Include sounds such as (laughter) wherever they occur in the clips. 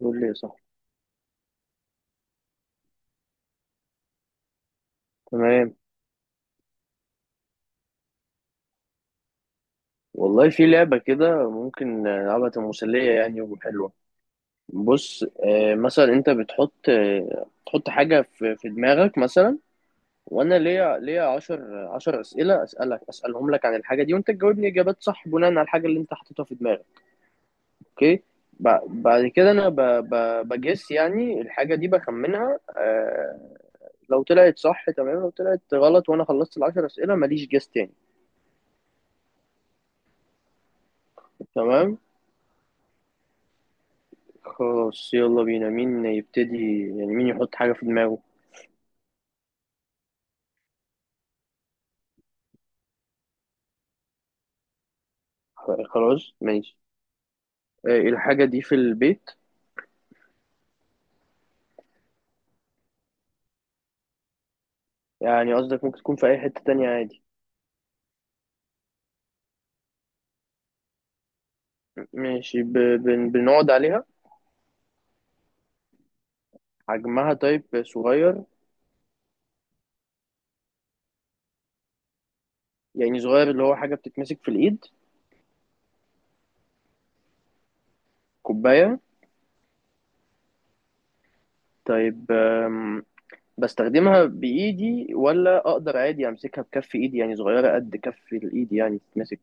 قول لي يا صاحبي. تمام، والله في لعبة كده ممكن نلعبها تبقى مسلية يعني وحلوة. بص آه، مثلا انت بتحط تحط حاجة في دماغك مثلا، وانا ليا 10 أسئلة أسألك أسألهم لك عن الحاجة دي، وانت تجاوبني إجابات صح بناء على الحاجة اللي انت حاططها في دماغك. اوكي. بعد كده انا بجس يعني الحاجة دي بخمنها آه، لو طلعت صح تمام، لو طلعت غلط وانا خلصت العشر أسئلة ماليش جس تاني. تمام. خلاص يلا بينا، مين يبتدي يعني مين يحط حاجة في دماغه. خلاص ماشي. آه، الحاجة دي في البيت؟ يعني قصدك ممكن تكون في أي حتة تانية عادي. ماشي. بنقعد عليها؟ حجمها طيب صغير. يعني صغير اللي هو حاجة بتتمسك في الإيد. كوباية؟ طيب، آم، بستخدمها بإيدي ولا أقدر عادي أمسكها بكف إيدي؟ يعني صغيرة قد كف الإيد يعني تتمسك.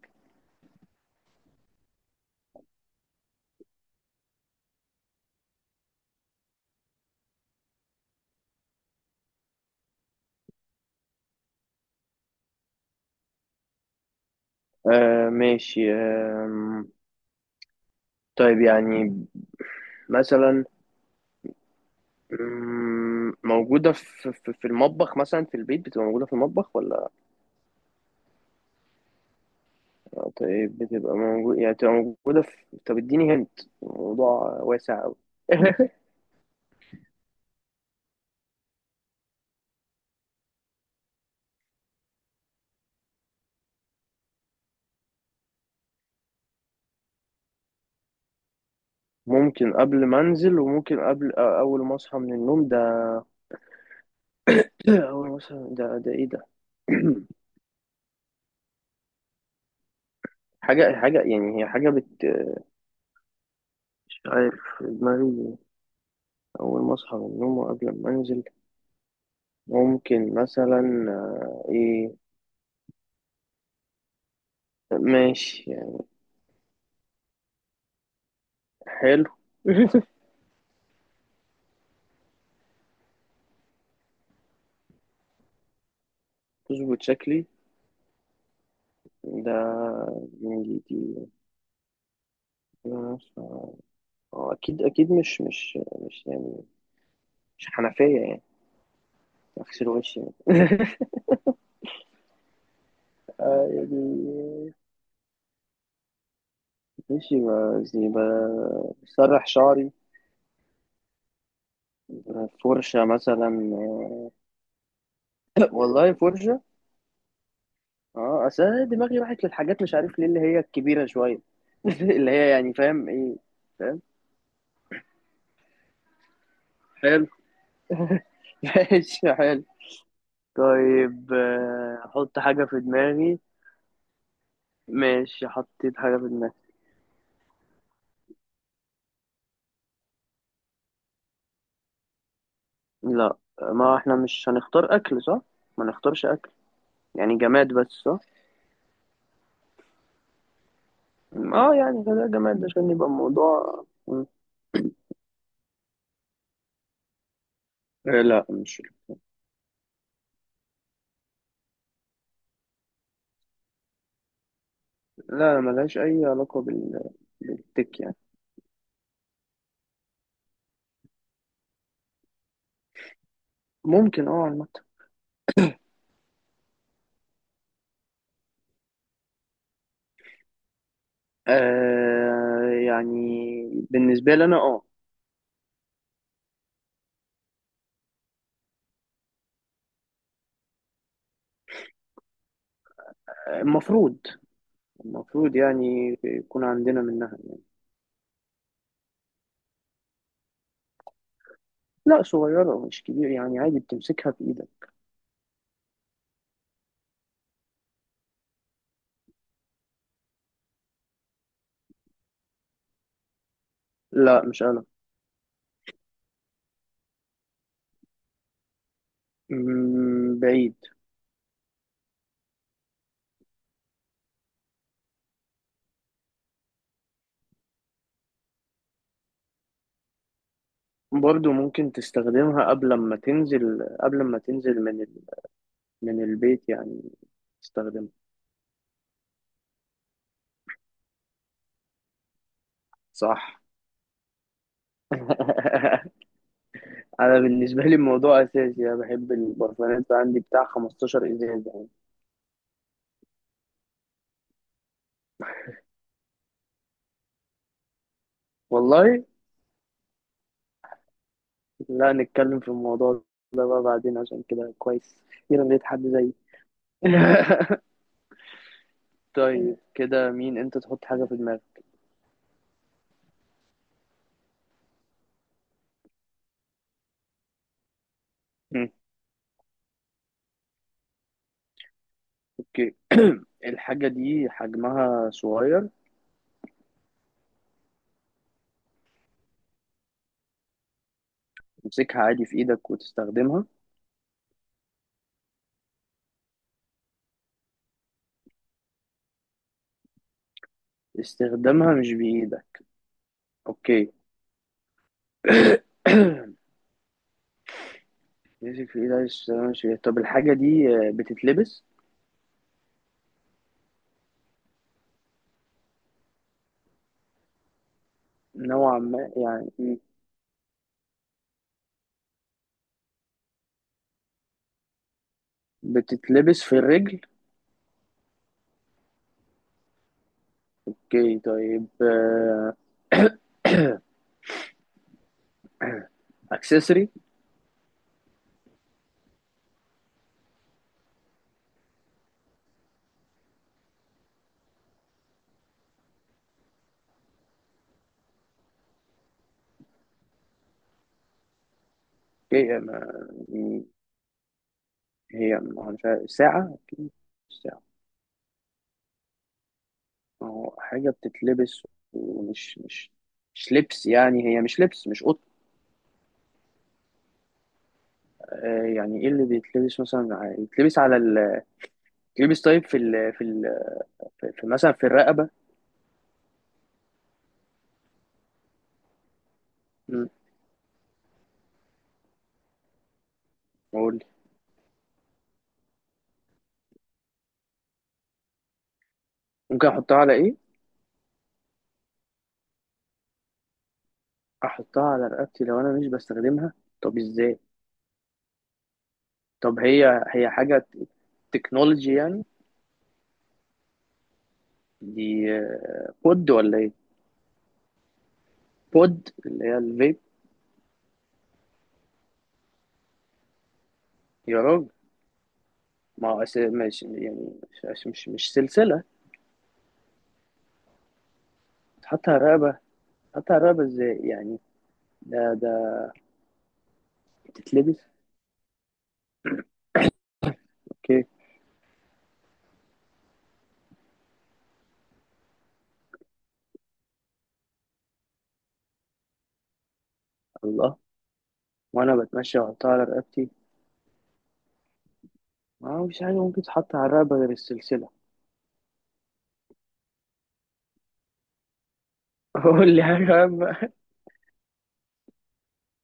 آه ماشي، آم، طيب يعني مثلا، مم، موجودة في المطبخ مثلا؟ في البيت بتبقى موجودة في المطبخ ولا؟ طيب بتبقى موجودة، يعني بتبقى موجودة في، طب اديني، هنت الموضوع واسع أوي. (laughs) ممكن قبل ما انزل، وممكن قبل آه، اول ما اصحى من النوم ده. (clears throat) اول ما اصحى ده، ده ايه ده؟ (clears throat) حاجة حاجة يعني، هي حاجة بت، مش عارف، في دماغي اول ما اصحى من النوم وقبل ما انزل ممكن مثلا آه، ايه. ماشي يعني. حلو. (laughs) تظبط شكلي؟ ده يعني دي، أنا ف-، هو أكيد أكيد مش يعني مش حنفية يعني أغسل وشي يعني. (laughs) آه، يعني ماشي، زي بسرح شعري. فرشة مثلا. (laughs) والله فرشة. اه، اصل انا دماغي راحت للحاجات مش عارف ليه اللي هي الكبيره شويه. (laughs) اللي هي يعني، فاهم ايه، فاهم. حلو. (laughs) ماشي حلو. طيب آه، احط حاجه في دماغي. ماشي، حطيت حاجه في دماغي. لا ما احنا مش هنختار اكل صح؟ ما نختارش اكل، يعني جماد بس صح؟ اه يعني خليها جماد عشان يبقى الموضوع آه لا مش. لا ملهاش اي علاقة بال... بالتك يعني. ممكن اه عامة. آه يعني بالنسبة لي انا اه. المفروض، المفروض يعني يكون عندنا منها. لا صغيرة مش كبير، يعني عادي بتمسكها في ايدك. لا مش قلم. مم، بعيد. برضو ممكن تستخدمها قبل ما تنزل، قبل ما تنزل من ال... من البيت يعني تستخدمها. صح. (laughs) انا بالنسبه لي الموضوع اساسي، انا بحب البرفانات، عندي بتاع 15 ازاز يعني. والله لا نتكلم في الموضوع ده بقى بعدين، عشان كده كويس اخيرا لقيت حد زيي. (laughs) طيب كده مين؟ انت تحط حاجه في دماغك. مم. اوكي. (clears throat) الحاجه دي حجمها صغير. تمسكها عادي في ايدك وتستخدمها. استخدامها مش بايدك؟ اوكي. (coughs) بيمسك في ايد عايز ماشي، طب الحاجة دي آه، بتتلبس؟ نوعا ما يعني إيه؟ بتتلبس في الرجل؟ اوكي طيب آه، (coughs) اكسسوري؟ اوكي، م- هي مش عارف، ساعة؟ اوكي مش ساعة. ما هو حاجة بتتلبس، ومش مش لبس يعني، هي مش لبس مش قط. آه، يعني ايه اللي بيتلبس مثلا يتلبس على ال، يتلبس طيب في ال في ال في مثلا في الرقبة. مم، قول. ممكن احطها على ايه؟ احطها على رقبتي لو انا مش بستخدمها؟ طب ازاي؟ طب هي حاجه تكنولوجي يعني؟ دي آه، بود ولا ايه؟ بود اللي هي الفيب. يا راجل. ما هو أس-، مش يعني، مش مش سلسله تحط على الرقبه. تحط على الرقبه ازاي يعني؟ ده ده بتتلبس. اوكي. الله. وانا بتمشى واحطها على رقبتي؟ ما هو مش حاجه ممكن تتحط على الرقبه غير السلسله. (laughs) قول لي حاجه بقى.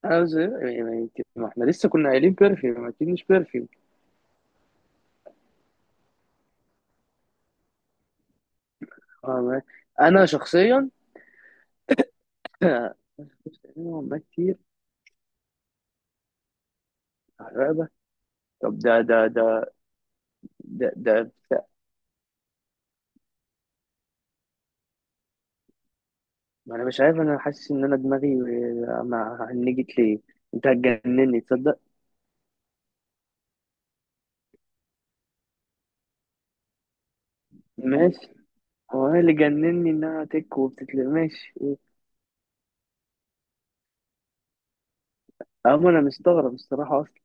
انا بس يعني، ما احنا لسه كنا قايلين بيرفيوم، اكيد مش بيرفيوم. آه، ما-، انا شخصيا. (laughs) شفت أنمي والله كتير، حرقة. طب ده بتاع-، ما أنا مش عارف، أنا حاسس إن أنا دماغي ما هنجت ليه، أنت هتجنني تصدق. ماشي. هو أنا اللي جنني إنها تك وبتتل ماشي أه،. أما أنا مستغرب الصراحة أصلا.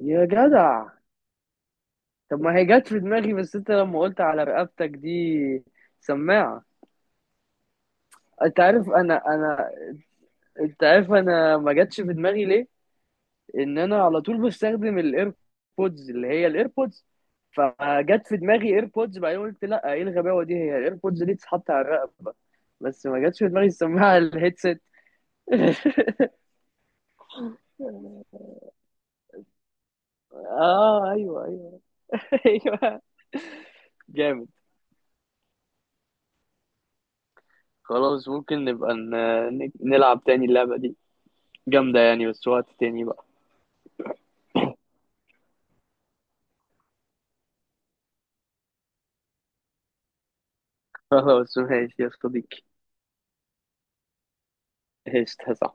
يا جدع. طب ما هي جت في دماغي بس أنت لما قلت على رقبتك دي، سماعة. أنت عارف أنا، أنت عارف أنا ما جاتش في دماغي ليه؟ انا على طول بستخدم الايربودز اللي هي الايربودز، فجت في دماغي ايربودز، بعدين قلت لا ايه الغباوه دي، هي الايربودز دي تتحط على الرقبه؟ بس ما جاتش في دماغي السماعه على الهيدسيت. (laughs) اه ايوه ايوه. (laughs) ايوه. جامد. خلاص ممكن نبقى نلعب تاني اللعبه دي، جامده يعني، بس وقت تاني بقى. (laughs) خلاص ماشي يا صديقي. ايش.